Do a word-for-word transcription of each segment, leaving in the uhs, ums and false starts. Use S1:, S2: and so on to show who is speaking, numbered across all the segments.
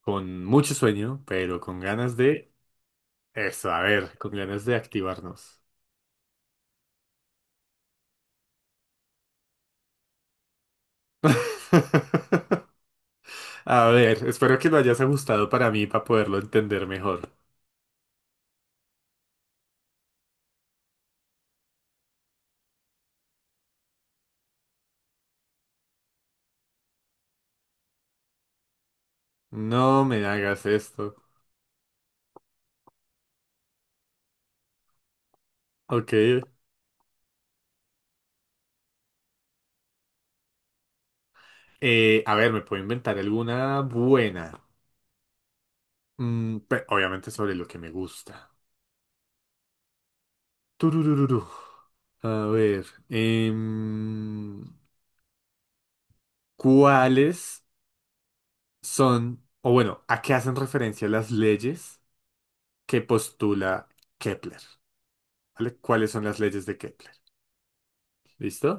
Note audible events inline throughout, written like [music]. S1: Con mucho sueño, pero con ganas de eso, a ver, con ganas de activarnos. [laughs] A ver, espero que lo hayas ajustado para mí para poderlo entender mejor. No me hagas esto. Ok. Eh, a ver, me puedo inventar alguna buena. Mm, pe- obviamente sobre lo que me gusta. Tururururu. A ver, em, ¿cuáles son, o bueno, a qué hacen referencia las leyes que postula Kepler, ¿vale? ¿Cuáles son las leyes de Kepler? ¿Listo?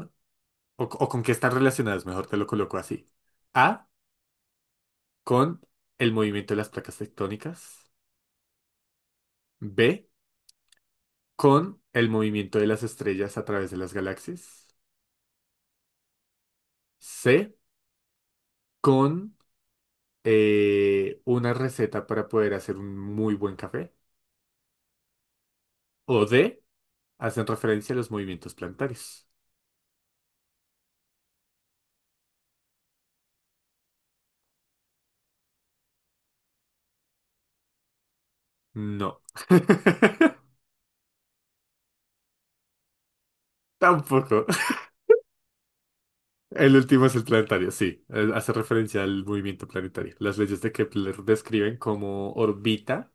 S1: O, o con qué están relacionadas, mejor te lo coloco así. A, con el movimiento de las placas tectónicas. B, con el movimiento de las estrellas a través de las galaxias. C, con eh, una receta para poder hacer un muy buen café. O D, hacen referencia a los movimientos planetarios. No. [laughs] Tampoco. El último es el planetario, sí. Eh, Hace referencia al movimiento planetario. Las leyes de Kepler describen cómo orbita,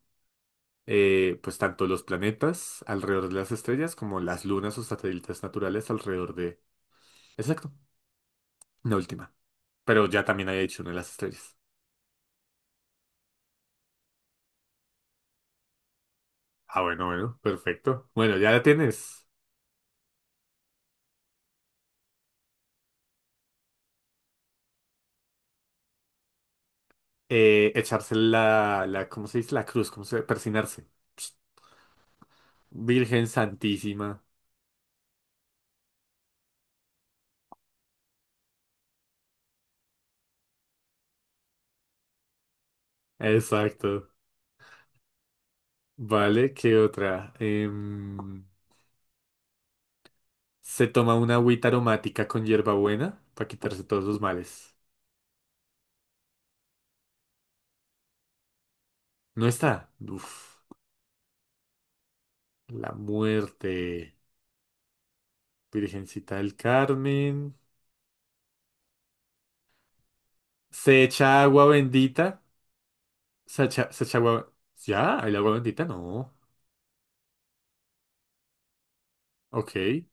S1: eh, pues tanto los planetas alrededor de las estrellas como las lunas o satélites naturales alrededor de... Exacto, la última. Pero ya también había hecho una de las estrellas. Ah, bueno, bueno, perfecto. Bueno, ya la tienes. Eh, echarse la, la, ¿cómo se dice? La cruz, ¿cómo se dice? Persinarse. Virgen Santísima. Exacto. Vale, ¿qué otra? Em, Se toma una agüita aromática con hierbabuena para quitarse todos los males. No está. Uf, la muerte. Virgencita del Carmen. Se echa agua bendita. Se echa, se echa agua. Ya, el agua bendita no. Ok.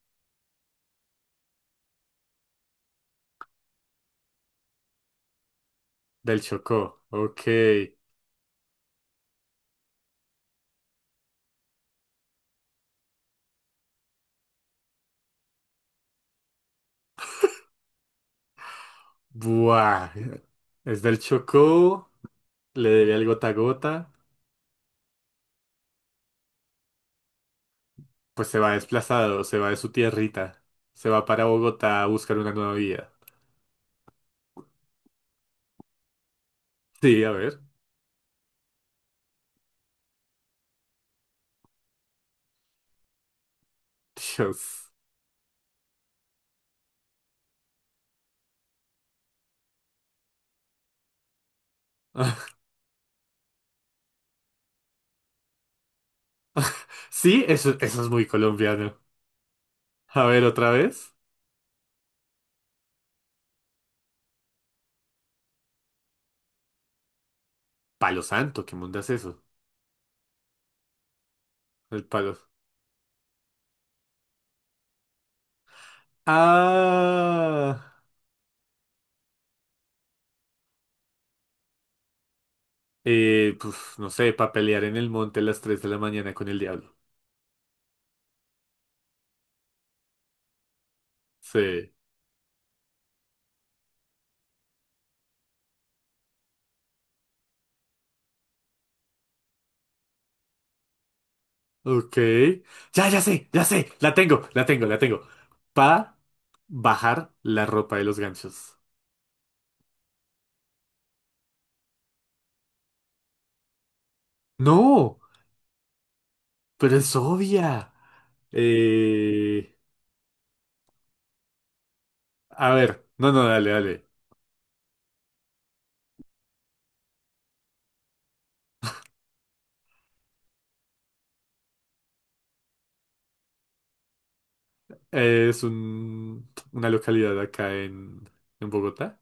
S1: Del Chocó. Ok. Buah. Es del Chocó. Le debe al gota a gota. Pues se va desplazado. Se va de su tierrita. Se va para Bogotá a buscar una nueva vida. Sí, a ver. Dios. [laughs] Sí, eso, eso es muy colombiano. A ver, otra vez. Palo santo, ¿qué mundo es eso? El palo. Ah, eh, pues no sé, para pelear en el monte a las tres de la mañana con el diablo. Sí, ok. Ya, ya sé, ya sé, la tengo, la tengo, la tengo. Pa bajar la ropa de los ganchos. No, pero es obvia. Eh, a ver, no, no, dale, dale. Es un, una localidad acá en, en Bogotá.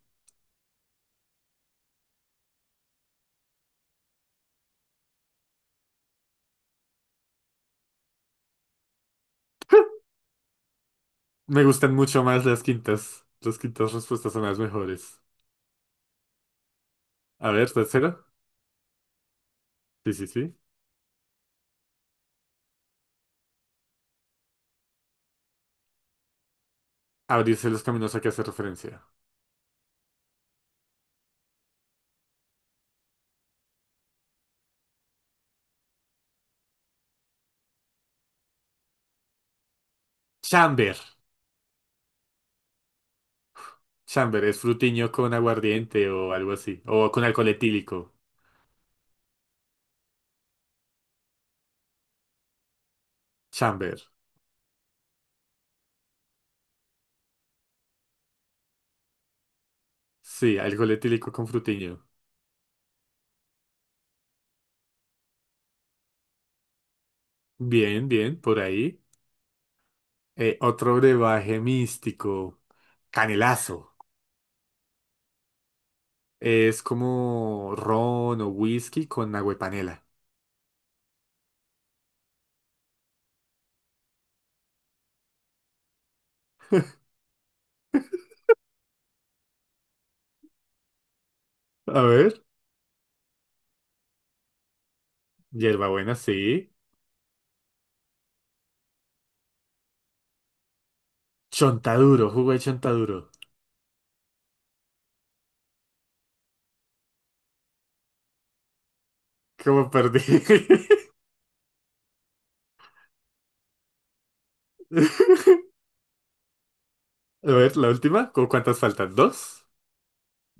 S1: Me gustan mucho más las quintas. Las quintas respuestas son las mejores. A ver, tercero. Sí, sí, sí. Abrirse los caminos a que hace referencia. Chamber. Chamber es frutiño con aguardiente o algo así. O con alcohol etílico. Chamber. Sí, alcohol etílico con frutiño. Bien, bien, por ahí. Eh, otro brebaje místico. Canelazo. Es como ron o whisky con agua y panela. A ver. Hierbabuena, sí. Chontaduro, jugo de chontaduro. ¿Cómo perdí? [laughs] A ver, la última. ¿Cu- ¿Cuántas faltan? ¿Dos?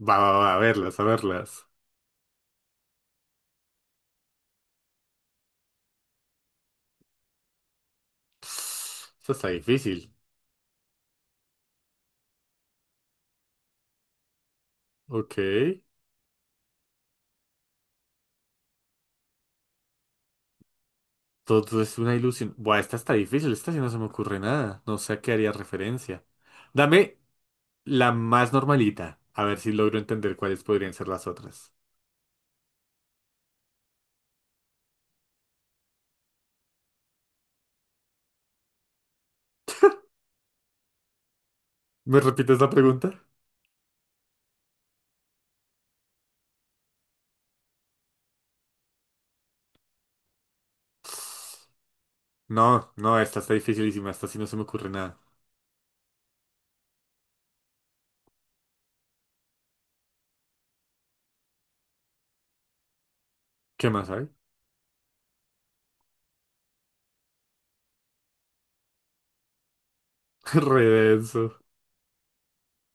S1: Va, va, va, a verlas, a verlas. Esta está difícil. Ok. Todo es una ilusión. Buah, esta está difícil. Esta sí no se me ocurre nada. No sé a qué haría referencia. Dame la más normalita. A ver si logro entender cuáles podrían ser las otras. ¿Me repites la pregunta? No, no, esta está dificilísima. Esta sí no se me ocurre nada. ¿Qué más hay? [laughs] Re denso.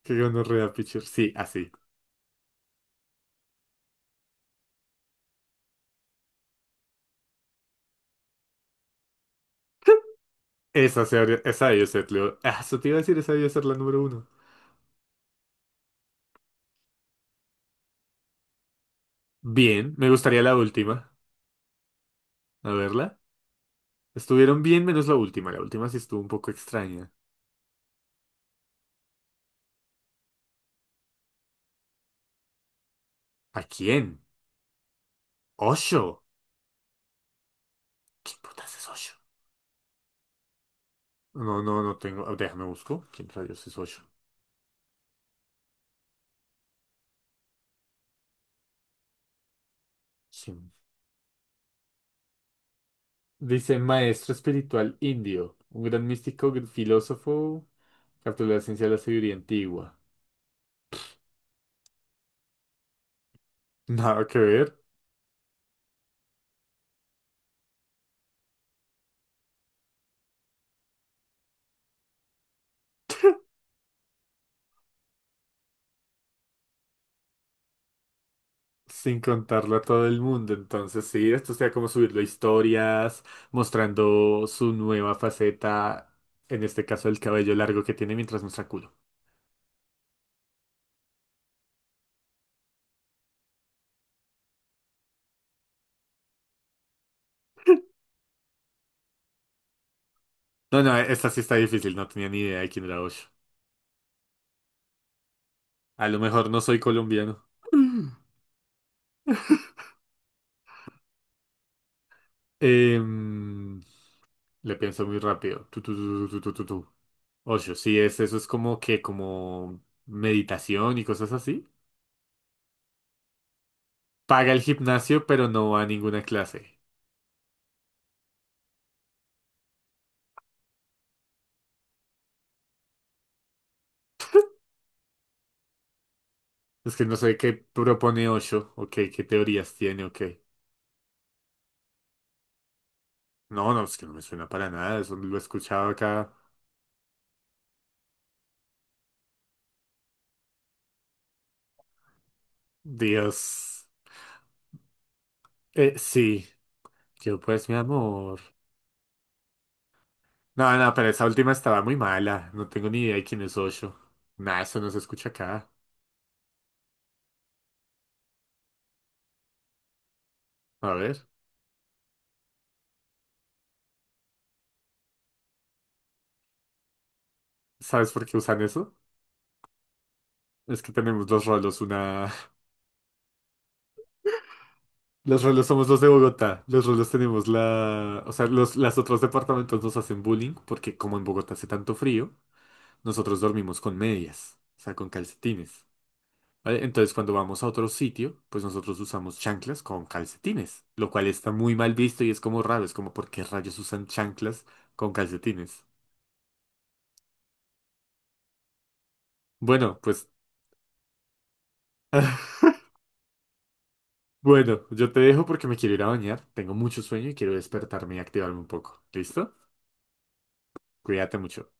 S1: Qué gonorrea, pichir. Sí, así. Esa, se habría- esa debió ser, Leo. Ah, eso te iba a decir, esa debió ser la número uno. Bien, me gustaría la última. A verla. Estuvieron bien menos la última. La última sí estuvo un poco extraña. ¿A quién? ¿Osho? ¿Quién putas es Osho? No, no, no tengo. Ah, déjame busco. ¿Quién rayos es Osho? ¿Quién? Dice maestro espiritual indio, un gran místico, gr- filósofo, capturó la ciencia de la sabiduría antigua. Nada que ver. Sin contarlo a todo el mundo. Entonces, sí, esto sea como subirlo a historias, mostrando su nueva faceta, en este caso el cabello largo que tiene mientras muestra culo. No, no, esta sí está difícil, no tenía ni idea de quién era Osho. A lo mejor no soy colombiano. Mm. Em, Le pienso muy rápido. Tu, tu, tu, tu, tu, tu, tu, tu. Osho, sí, es, eso es como que, como meditación y cosas así. Paga el gimnasio, pero no va a ninguna clase. Es que no sé qué propone Osho, ok, qué teorías tiene, ok. No, no, es que no me suena para nada, eso lo he escuchado acá. Dios. Eh, sí, yo pues mi amor. No, no, pero esa última estaba muy mala, no tengo ni idea de quién es Osho. Nada, eso no se escucha acá. A ver, ¿sabes por qué usan eso? Es que tenemos los rolos, una... [laughs] Los rolos somos los de Bogotá, los rolos tenemos la... O sea, los, las otros departamentos nos hacen bullying porque como en Bogotá hace tanto frío. Nosotros dormimos con medias, o sea, con calcetines. ¿Vale? Entonces, cuando vamos a otro sitio, pues nosotros usamos chanclas con calcetines, lo cual está muy mal visto y es como raro, es como, ¿por qué rayos usan chanclas con calcetines? Bueno, pues, [laughs] bueno, yo te dejo porque me quiero ir a bañar, tengo mucho sueño y quiero despertarme y activarme un poco. ¿Listo? Cuídate mucho.